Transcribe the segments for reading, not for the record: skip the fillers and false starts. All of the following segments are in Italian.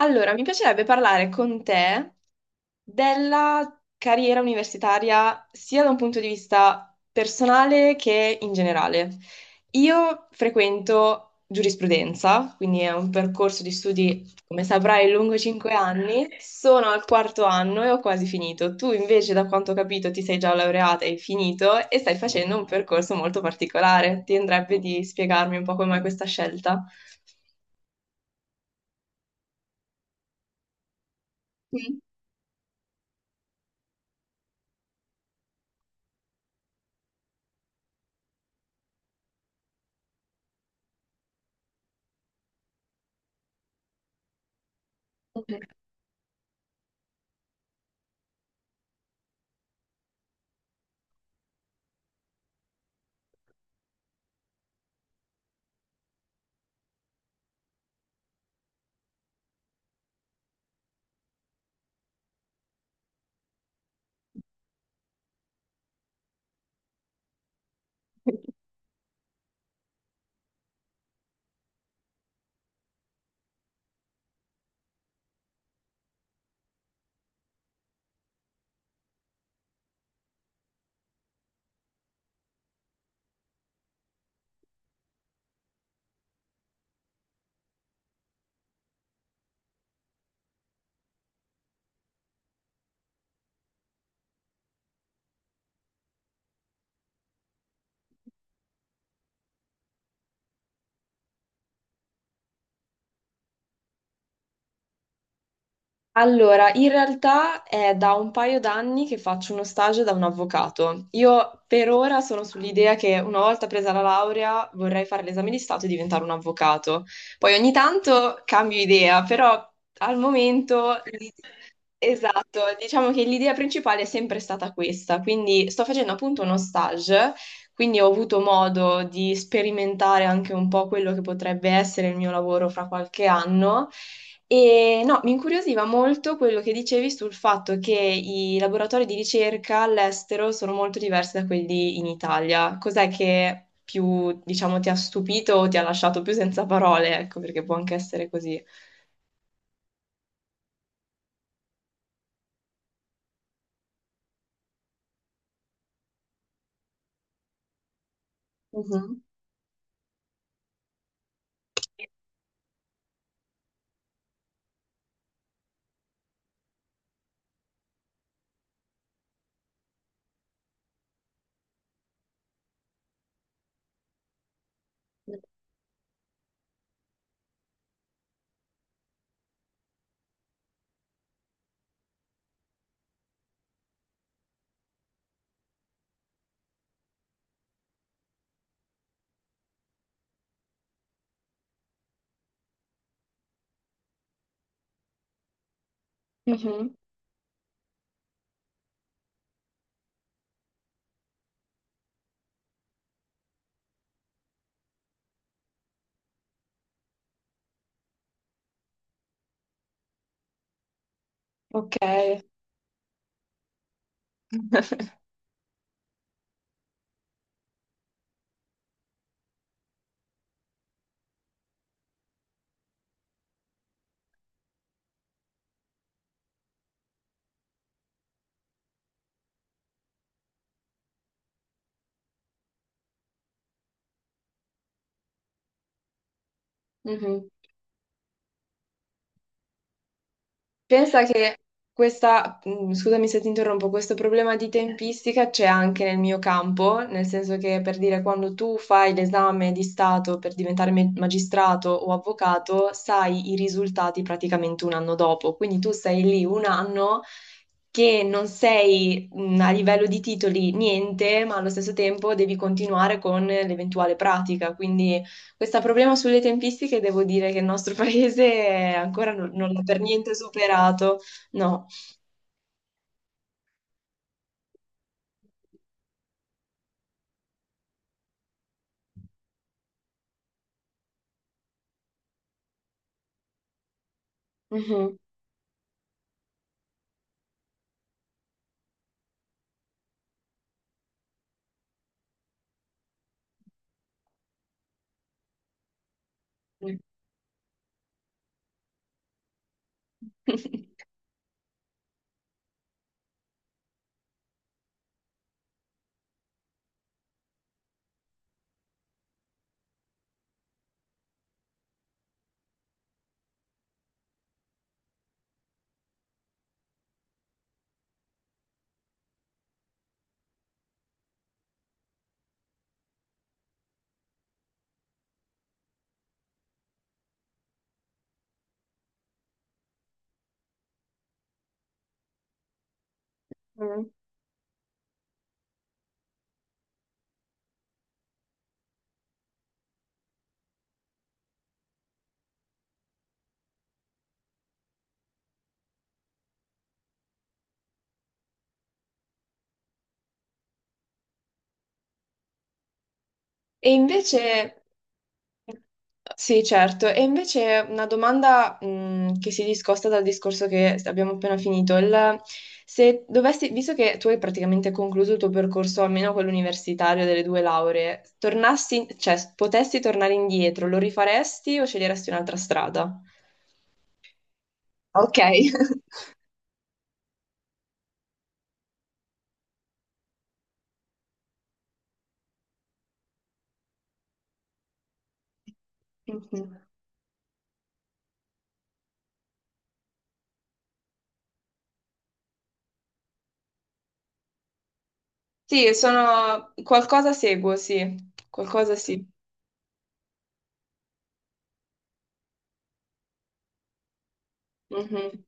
Allora, mi piacerebbe parlare con te della carriera universitaria sia da un punto di vista personale che in generale. Io frequento giurisprudenza, quindi è un percorso di studi, come saprai, lungo 5 anni. Sono al quarto anno e ho quasi finito. Tu invece, da quanto ho capito, ti sei già laureata e hai finito e stai facendo un percorso molto particolare. Ti andrebbe di spiegarmi un po' come mai questa scelta? Sì. Allora, in realtà è da un paio d'anni che faccio uno stage da un avvocato. Io per ora sono sull'idea che una volta presa la laurea vorrei fare l'esame di Stato e diventare un avvocato. Poi ogni tanto cambio idea, però al momento. Esatto, diciamo che l'idea principale è sempre stata questa, quindi sto facendo appunto uno stage, quindi ho avuto modo di sperimentare anche un po' quello che potrebbe essere il mio lavoro fra qualche anno e no, mi incuriosiva molto quello che dicevi sul fatto che i laboratori di ricerca all'estero sono molto diversi da quelli in Italia. Cos'è che più, diciamo, ti ha stupito o ti ha lasciato più senza parole? Ecco, perché può anche essere così. Mhm. Mhm. Ok. Mhm. Pensa che questa, scusami se ti interrompo, questo problema di tempistica c'è anche nel mio campo, nel senso che per dire quando tu fai l'esame di Stato per diventare magistrato o avvocato, sai i risultati praticamente un anno dopo, quindi tu sei lì un anno che non sei a livello di titoli niente, ma allo stesso tempo devi continuare con l'eventuale pratica. Quindi questo problema sulle tempistiche devo dire che il nostro paese ancora non l'ha per niente superato. No. Mhm. Mm. E invece, sì, certo, e invece una domanda, che si discosta dal discorso che abbiamo appena finito. Se dovessi, visto che tu hai praticamente concluso il tuo percorso, almeno quello universitario delle due lauree, tornassi, cioè, potessi tornare indietro, lo rifaresti o sceglieresti un'altra strada? Ok. Mhm. Sì, sono... qualcosa seguo, sì, qualcosa sì. Mhm.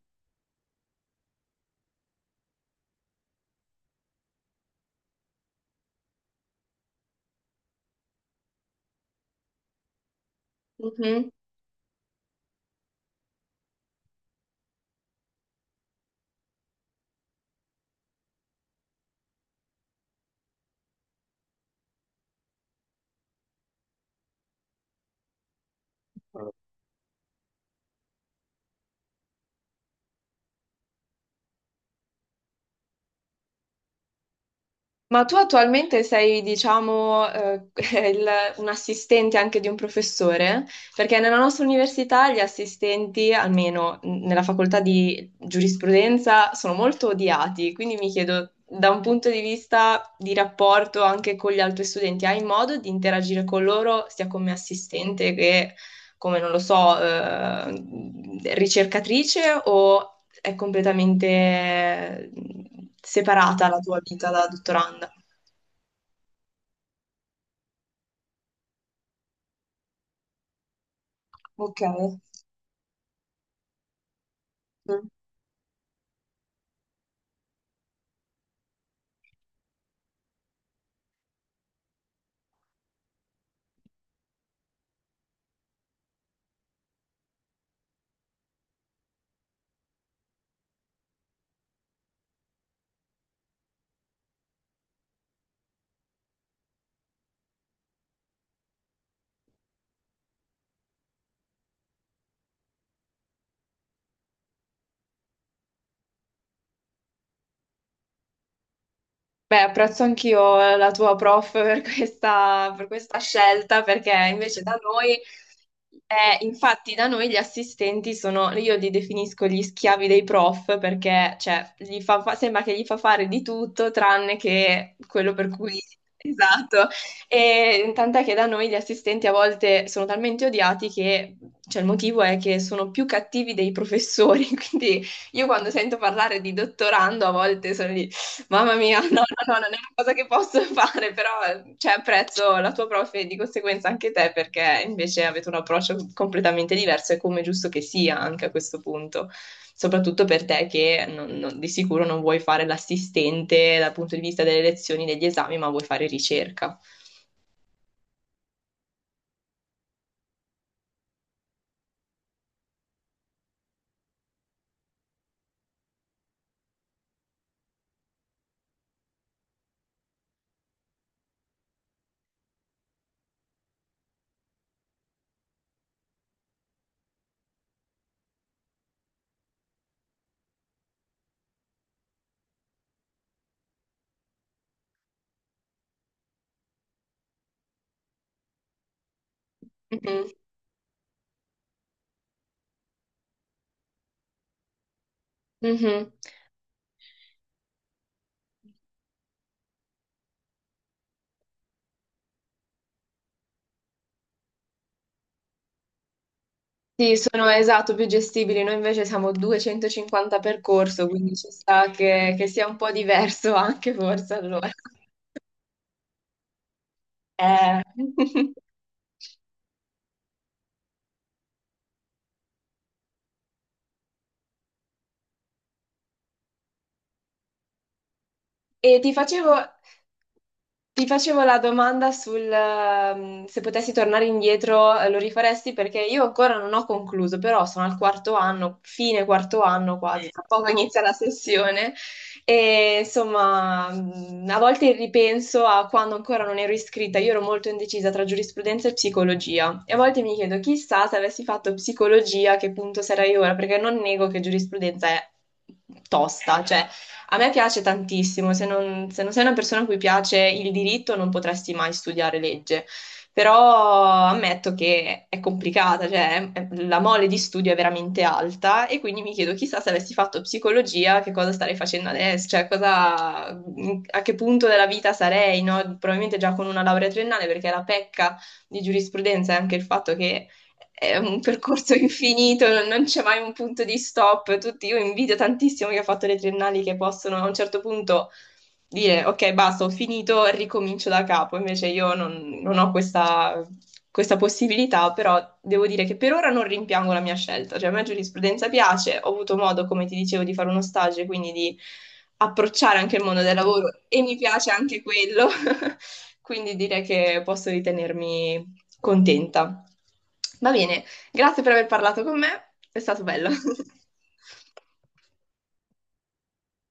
Mhm. Ma tu attualmente sei, diciamo, il- un assistente anche di un professore? Perché nella nostra università gli assistenti, almeno nella facoltà di giurisprudenza, sono molto odiati. Quindi mi chiedo, da un punto di vista di rapporto anche con gli altri studenti, hai modo di interagire con loro sia come assistente che come, non lo so, ricercatrice o è completamente separata la tua vita da dottoranda. Ok. Mm. Beh, apprezzo anch'io la tua prof per per questa scelta, perché invece da noi, infatti da noi gli assistenti sono, io li definisco gli schiavi dei prof, perché cioè, gli sembra che gli fa fare di tutto tranne che quello per cui... Esatto, e tant'è che da noi gli assistenti a volte sono talmente odiati che, cioè, il motivo è che sono più cattivi dei professori, quindi... Io quando sento parlare di dottorando a volte sono. Mamma mia, no, no, no, non è una cosa che posso fare, però cioè, apprezzo la tua prof e di conseguenza anche te perché invece avete un approccio completamente diverso e come è giusto che sia anche a questo punto, soprattutto per te che di sicuro non vuoi fare l'assistente dal punto di vista delle lezioni, degli esami, ma vuoi fare ricerca. Mhm, mhm. Sì, sono esatto, più gestibili. Noi invece siamo 250 per corso, quindi ci sta che sia un po' diverso anche forse allora. Eh, e ti facevo, ti facevo la domanda sul se potessi tornare indietro, lo rifaresti perché io ancora non ho concluso, però sono al quarto anno, fine quarto anno quasi, tra poco inizia la sessione e insomma a volte ripenso a quando ancora non ero iscritta, io ero molto indecisa tra giurisprudenza e psicologia e a volte mi chiedo chissà se avessi fatto psicologia a che punto sarei ora, perché non nego che giurisprudenza è tosta, cioè, a me piace tantissimo, se non, se non sei una persona a cui piace il diritto non potresti mai studiare legge, però ammetto che è complicata, cioè la mole di studio è veramente alta e quindi mi chiedo chissà se avessi fatto psicologia che cosa starei facendo adesso, cioè cosa, a che punto della vita sarei, no? Probabilmente già con una laurea triennale perché la pecca di giurisprudenza è anche il fatto che è un percorso infinito, non c'è mai un punto di stop. Tutti, io invidio tantissimo chi ha fatto le triennali che possono a un certo punto dire ok, basta, ho finito, ricomincio da capo. Invece io non ho questa, questa possibilità, però devo dire che per ora non rimpiango la mia scelta. Cioè, a me giurisprudenza piace, ho avuto modo, come ti dicevo, di fare uno stage, quindi di approcciare anche il mondo del lavoro e mi piace anche quello. Quindi direi che posso ritenermi contenta. Va bene, grazie per aver parlato con me, è stato bello.